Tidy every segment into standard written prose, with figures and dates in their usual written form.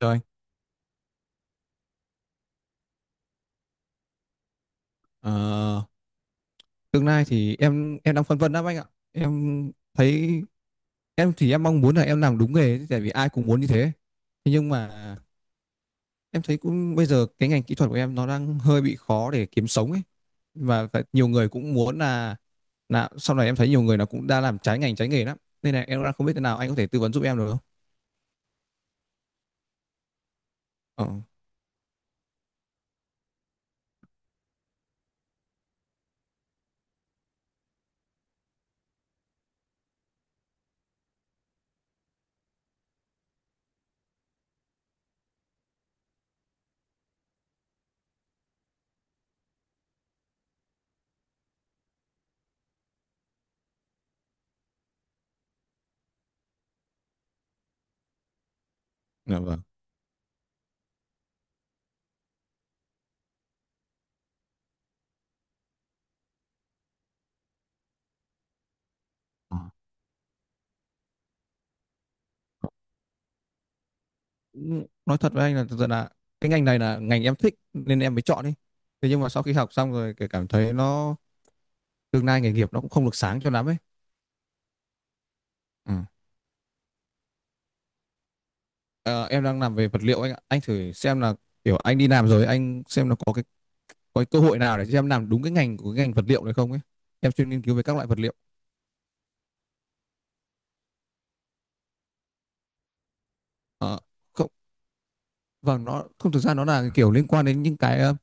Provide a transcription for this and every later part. Rồi, ờ, tương lai thì em đang phân vân lắm anh ạ. Em thấy em thì em mong muốn là em làm đúng nghề ấy, tại vì ai cũng muốn như thế. Thế nhưng mà em thấy cũng bây giờ cái ngành kỹ thuật của em nó đang hơi bị khó để kiếm sống ấy. Và nhiều người cũng muốn là sau này em thấy nhiều người nó cũng đã làm trái ngành trái nghề lắm. Nên là em đang không biết thế nào, anh có thể tư vấn giúp em được không? Ờ, dạ vâng. Ờ. Cũng nói thật với anh là thật sự là cái ngành này là ngành em thích nên em mới chọn đi. Thế nhưng mà sau khi học xong rồi cái cảm thấy nó tương lai nghề nghiệp nó cũng không được sáng cho lắm ấy. Ừ. Ờ, em đang làm về vật liệu anh ạ. Anh thử xem là kiểu anh đi làm rồi anh xem là có cái cơ hội nào để cho em làm đúng cái ngành của cái ngành vật liệu này không ấy. Em chuyên nghiên cứu về các loại vật liệu. Ờ, không, vâng, nó không thực ra nó là kiểu liên quan đến những cái,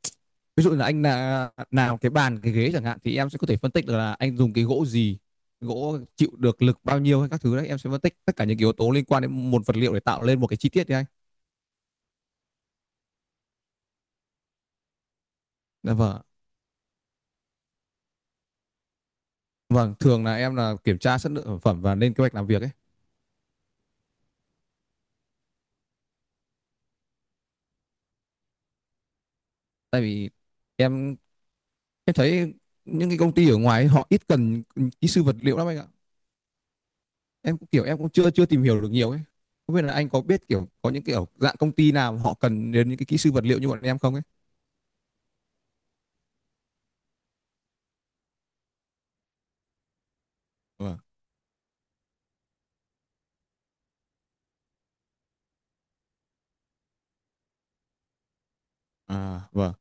ví dụ là anh là nào cái bàn cái ghế chẳng hạn thì em sẽ có thể phân tích được là anh dùng cái gỗ gì, gỗ chịu được lực bao nhiêu hay các thứ đấy. Em sẽ phân tích tất cả những cái yếu tố liên quan đến một vật liệu để tạo lên một cái chi tiết đấy anh. Dạ vâng, vâng, thường là em là kiểm tra chất lượng sản phẩm và lên kế hoạch làm việc ấy. Tại vì em em thấy những cái công ty ở ngoài ấy, họ ít cần kỹ sư vật liệu lắm anh ạ. Em cũng kiểu em cũng chưa chưa tìm hiểu được nhiều ấy, không biết là anh có biết kiểu có những kiểu dạng công ty nào họ cần đến những cái kỹ sư vật liệu như bọn em không ấy. Vâng. À, vâng,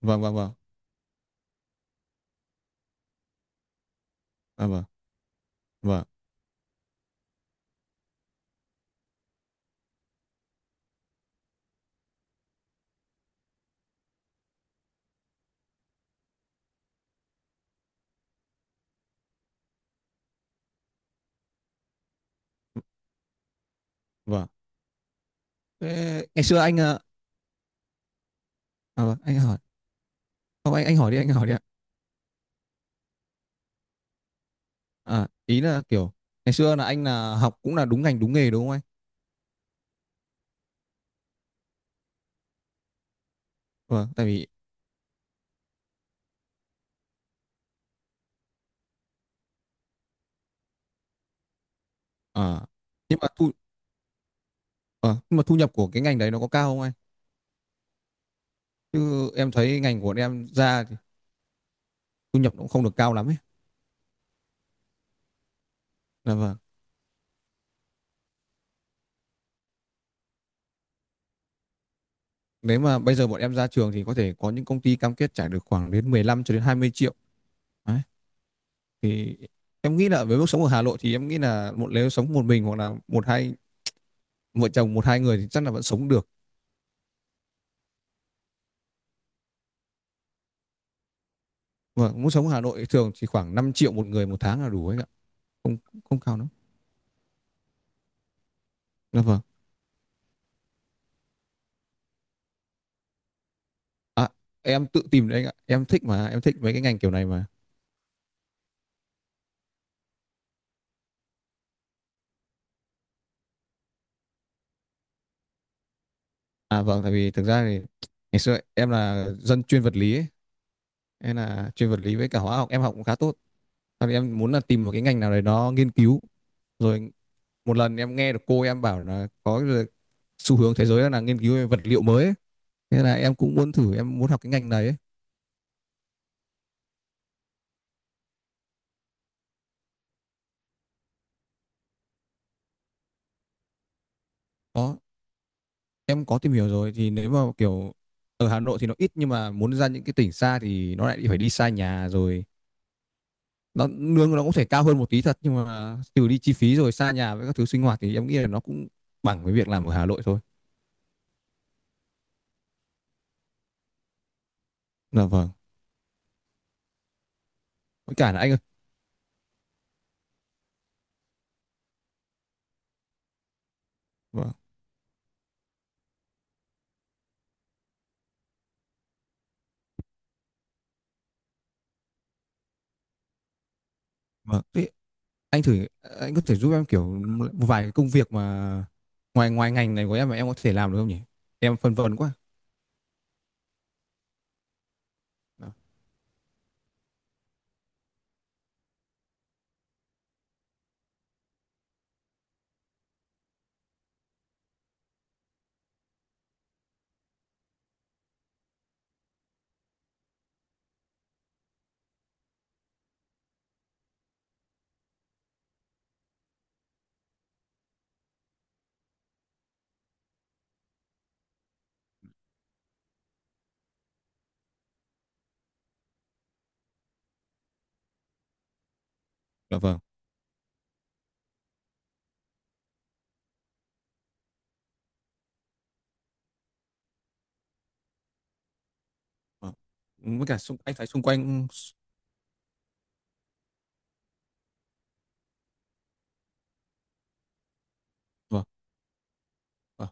vâng, vâng, vâng. À, vâng, vâng, vâng. Thế ngày xưa anh, à, vâng, anh hỏi. Không, anh hỏi đi, anh hỏi đi ạ. À, ý là kiểu ngày xưa là anh là học cũng là đúng ngành đúng nghề đúng không anh? Vâng, tại vì à, nhưng mà thu ờ, nhưng mà thu nhập của cái ngành đấy nó có cao không anh? Chứ em thấy ngành của bọn em ra thì thu nhập cũng không được cao lắm ấy. Là vâng. Nếu mà bây giờ bọn em ra trường thì có thể có những công ty cam kết trả được khoảng đến 15 cho đến 20 triệu. Đấy. Thì em nghĩ là với mức sống ở Hà Nội thì em nghĩ là một nếu sống một mình hoặc là một hai vợ chồng một hai người thì chắc là vẫn sống được. Và mức sống ở Hà Nội thường chỉ khoảng 5 triệu một người một tháng là đủ ấy ạ. Không, không cao lắm. Là vâng. À, em tự tìm đấy anh ạ. Em thích mà, em thích mấy cái ngành kiểu này mà. À vâng, tại vì thực ra thì ngày xưa em là dân chuyên vật lý ấy, hay là chuyên vật lý với cả hóa học em học cũng khá tốt. Sau đấy em muốn là tìm một cái ngành nào đấy nó nghiên cứu, rồi một lần em nghe được cô em bảo là có xu hướng thế giới là nghiên cứu về vật liệu mới ấy. Thế là em cũng muốn thử em muốn học cái ngành này ấy. Có, em có tìm hiểu rồi thì nếu mà kiểu ở Hà Nội thì nó ít nhưng mà muốn ra những cái tỉnh xa thì nó lại phải đi xa nhà rồi. Nó lương nó cũng thể cao hơn một tí thật nhưng mà trừ đi chi phí rồi xa nhà với các thứ sinh hoạt thì em nghĩ là nó cũng bằng với việc làm ở Hà Nội thôi. Là vâng. Với cả là anh ơi. Vâng. Vâng. anh thử anh có thể giúp em kiểu một vài cái công việc mà ngoài ngoài ngành này của em mà em có thể làm được không nhỉ? Em phân vân quá. Đó, dạ vâng. Vâng. Với cả anh thấy xung quanh, vâng, vâng,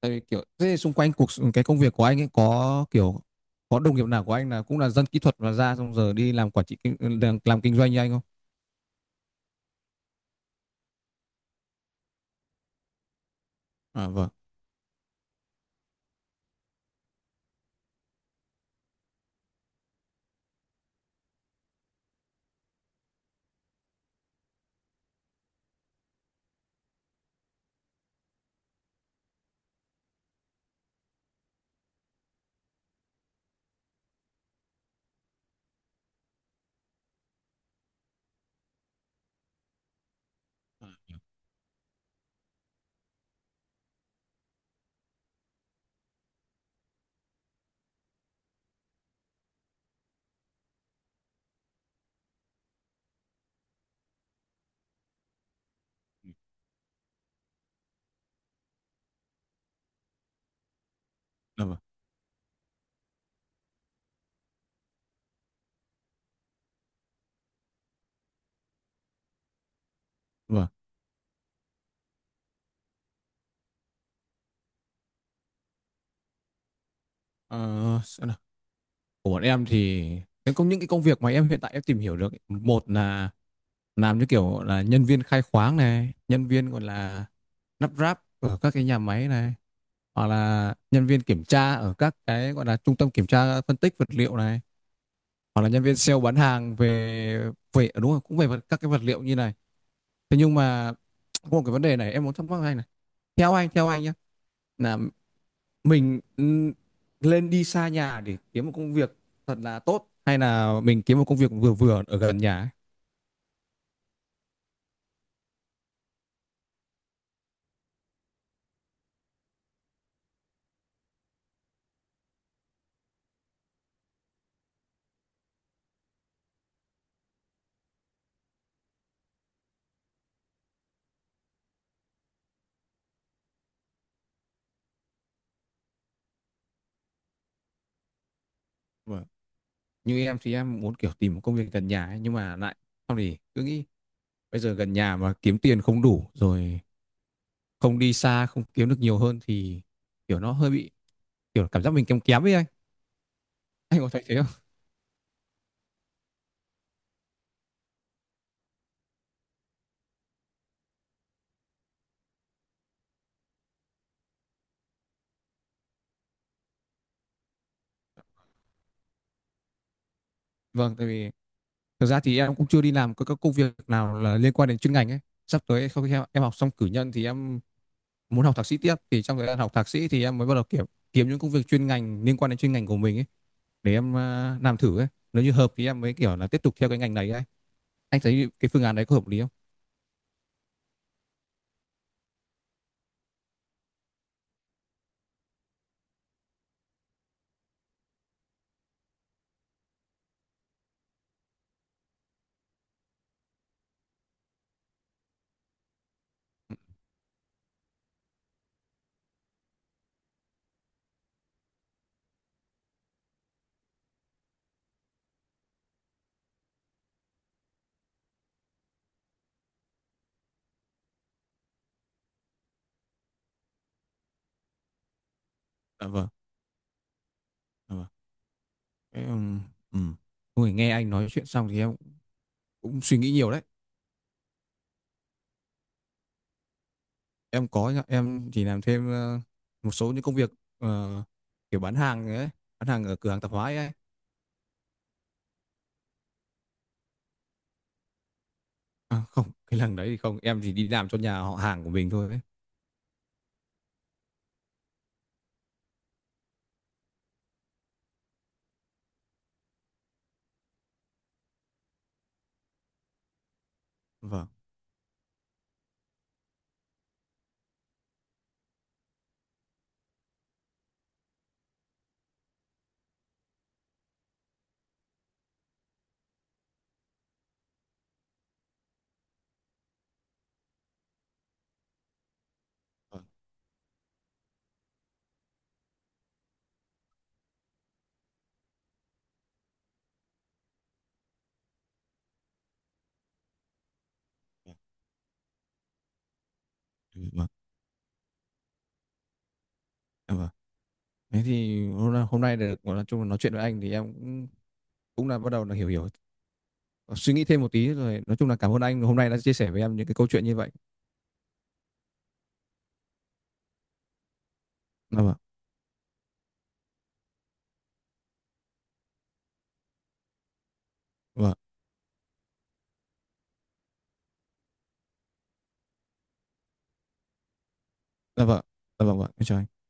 tại vì kiểu thế xung quanh cái công việc của anh ấy kiểu có đồng nghiệp nào của anh là cũng là dân kỹ thuật và ra xong giờ đi làm làm kinh doanh như anh không? À vâng. Dạ vâng, vâng. Ờ, xem nào, của bọn em thì những cái công việc mà em hiện tại em tìm hiểu được ấy, một là làm như kiểu là nhân viên khai khoáng này, nhân viên gọi là lắp ráp ở các cái nhà máy này, hoặc là nhân viên kiểm tra ở các cái gọi là trung tâm kiểm tra phân tích vật liệu này, hoặc là nhân viên sale bán hàng về về đúng rồi, cũng về các cái vật liệu như này. Thế nhưng mà có một cái vấn đề này em muốn thắc mắc anh này, theo anh, nhé, là mình, lên đi xa nhà để kiếm một công việc thật là tốt hay là mình kiếm một công việc vừa vừa ở gần nhà ấy? Như em thì em muốn kiểu tìm một công việc gần nhà ấy, nhưng mà lại xong thì cứ nghĩ bây giờ gần nhà mà kiếm tiền không đủ rồi, không đi xa không kiếm được nhiều hơn thì kiểu nó hơi bị kiểu cảm giác mình kém kém ấy anh. Anh có thấy thế không? Vâng, tại vì thực ra thì em cũng chưa đi làm các công việc nào là liên quan đến chuyên ngành ấy. Sắp tới sau khi em học xong cử nhân thì em muốn học thạc sĩ tiếp, thì trong thời gian học thạc sĩ thì em mới bắt đầu kiểu kiếm những công việc chuyên ngành liên quan đến chuyên ngành của mình ấy để em làm thử ấy. Nếu như hợp thì em mới kiểu là tiếp tục theo cái ngành này ấy. Anh thấy cái phương án đấy có hợp lý không? Dạ vâng, dạ vâng. em um, ừm. Ôi, nghe anh nói chuyện xong thì em cũng suy nghĩ nhiều đấy. Em có nhá, em chỉ làm thêm một số những công việc, ờ, kiểu bán hàng ấy, bán hàng ở cửa hàng tạp hóa ấy. À, không, cái lần đấy thì không, em chỉ đi làm cho nhà họ hàng của mình thôi ấy. Vâng, vâng, ừ, vâng, dạ vâng. Thế thì hôm nay được nói chung là nói chuyện với anh thì em cũng cũng là bắt đầu là hiểu hiểu suy nghĩ thêm một tí rồi nói chung là cảm ơn anh hôm nay đã chia sẻ với em những cái câu chuyện như vậy. Dạ vâng, vâng, dạ vâng, dạ vâng, vâng. Em chào anh.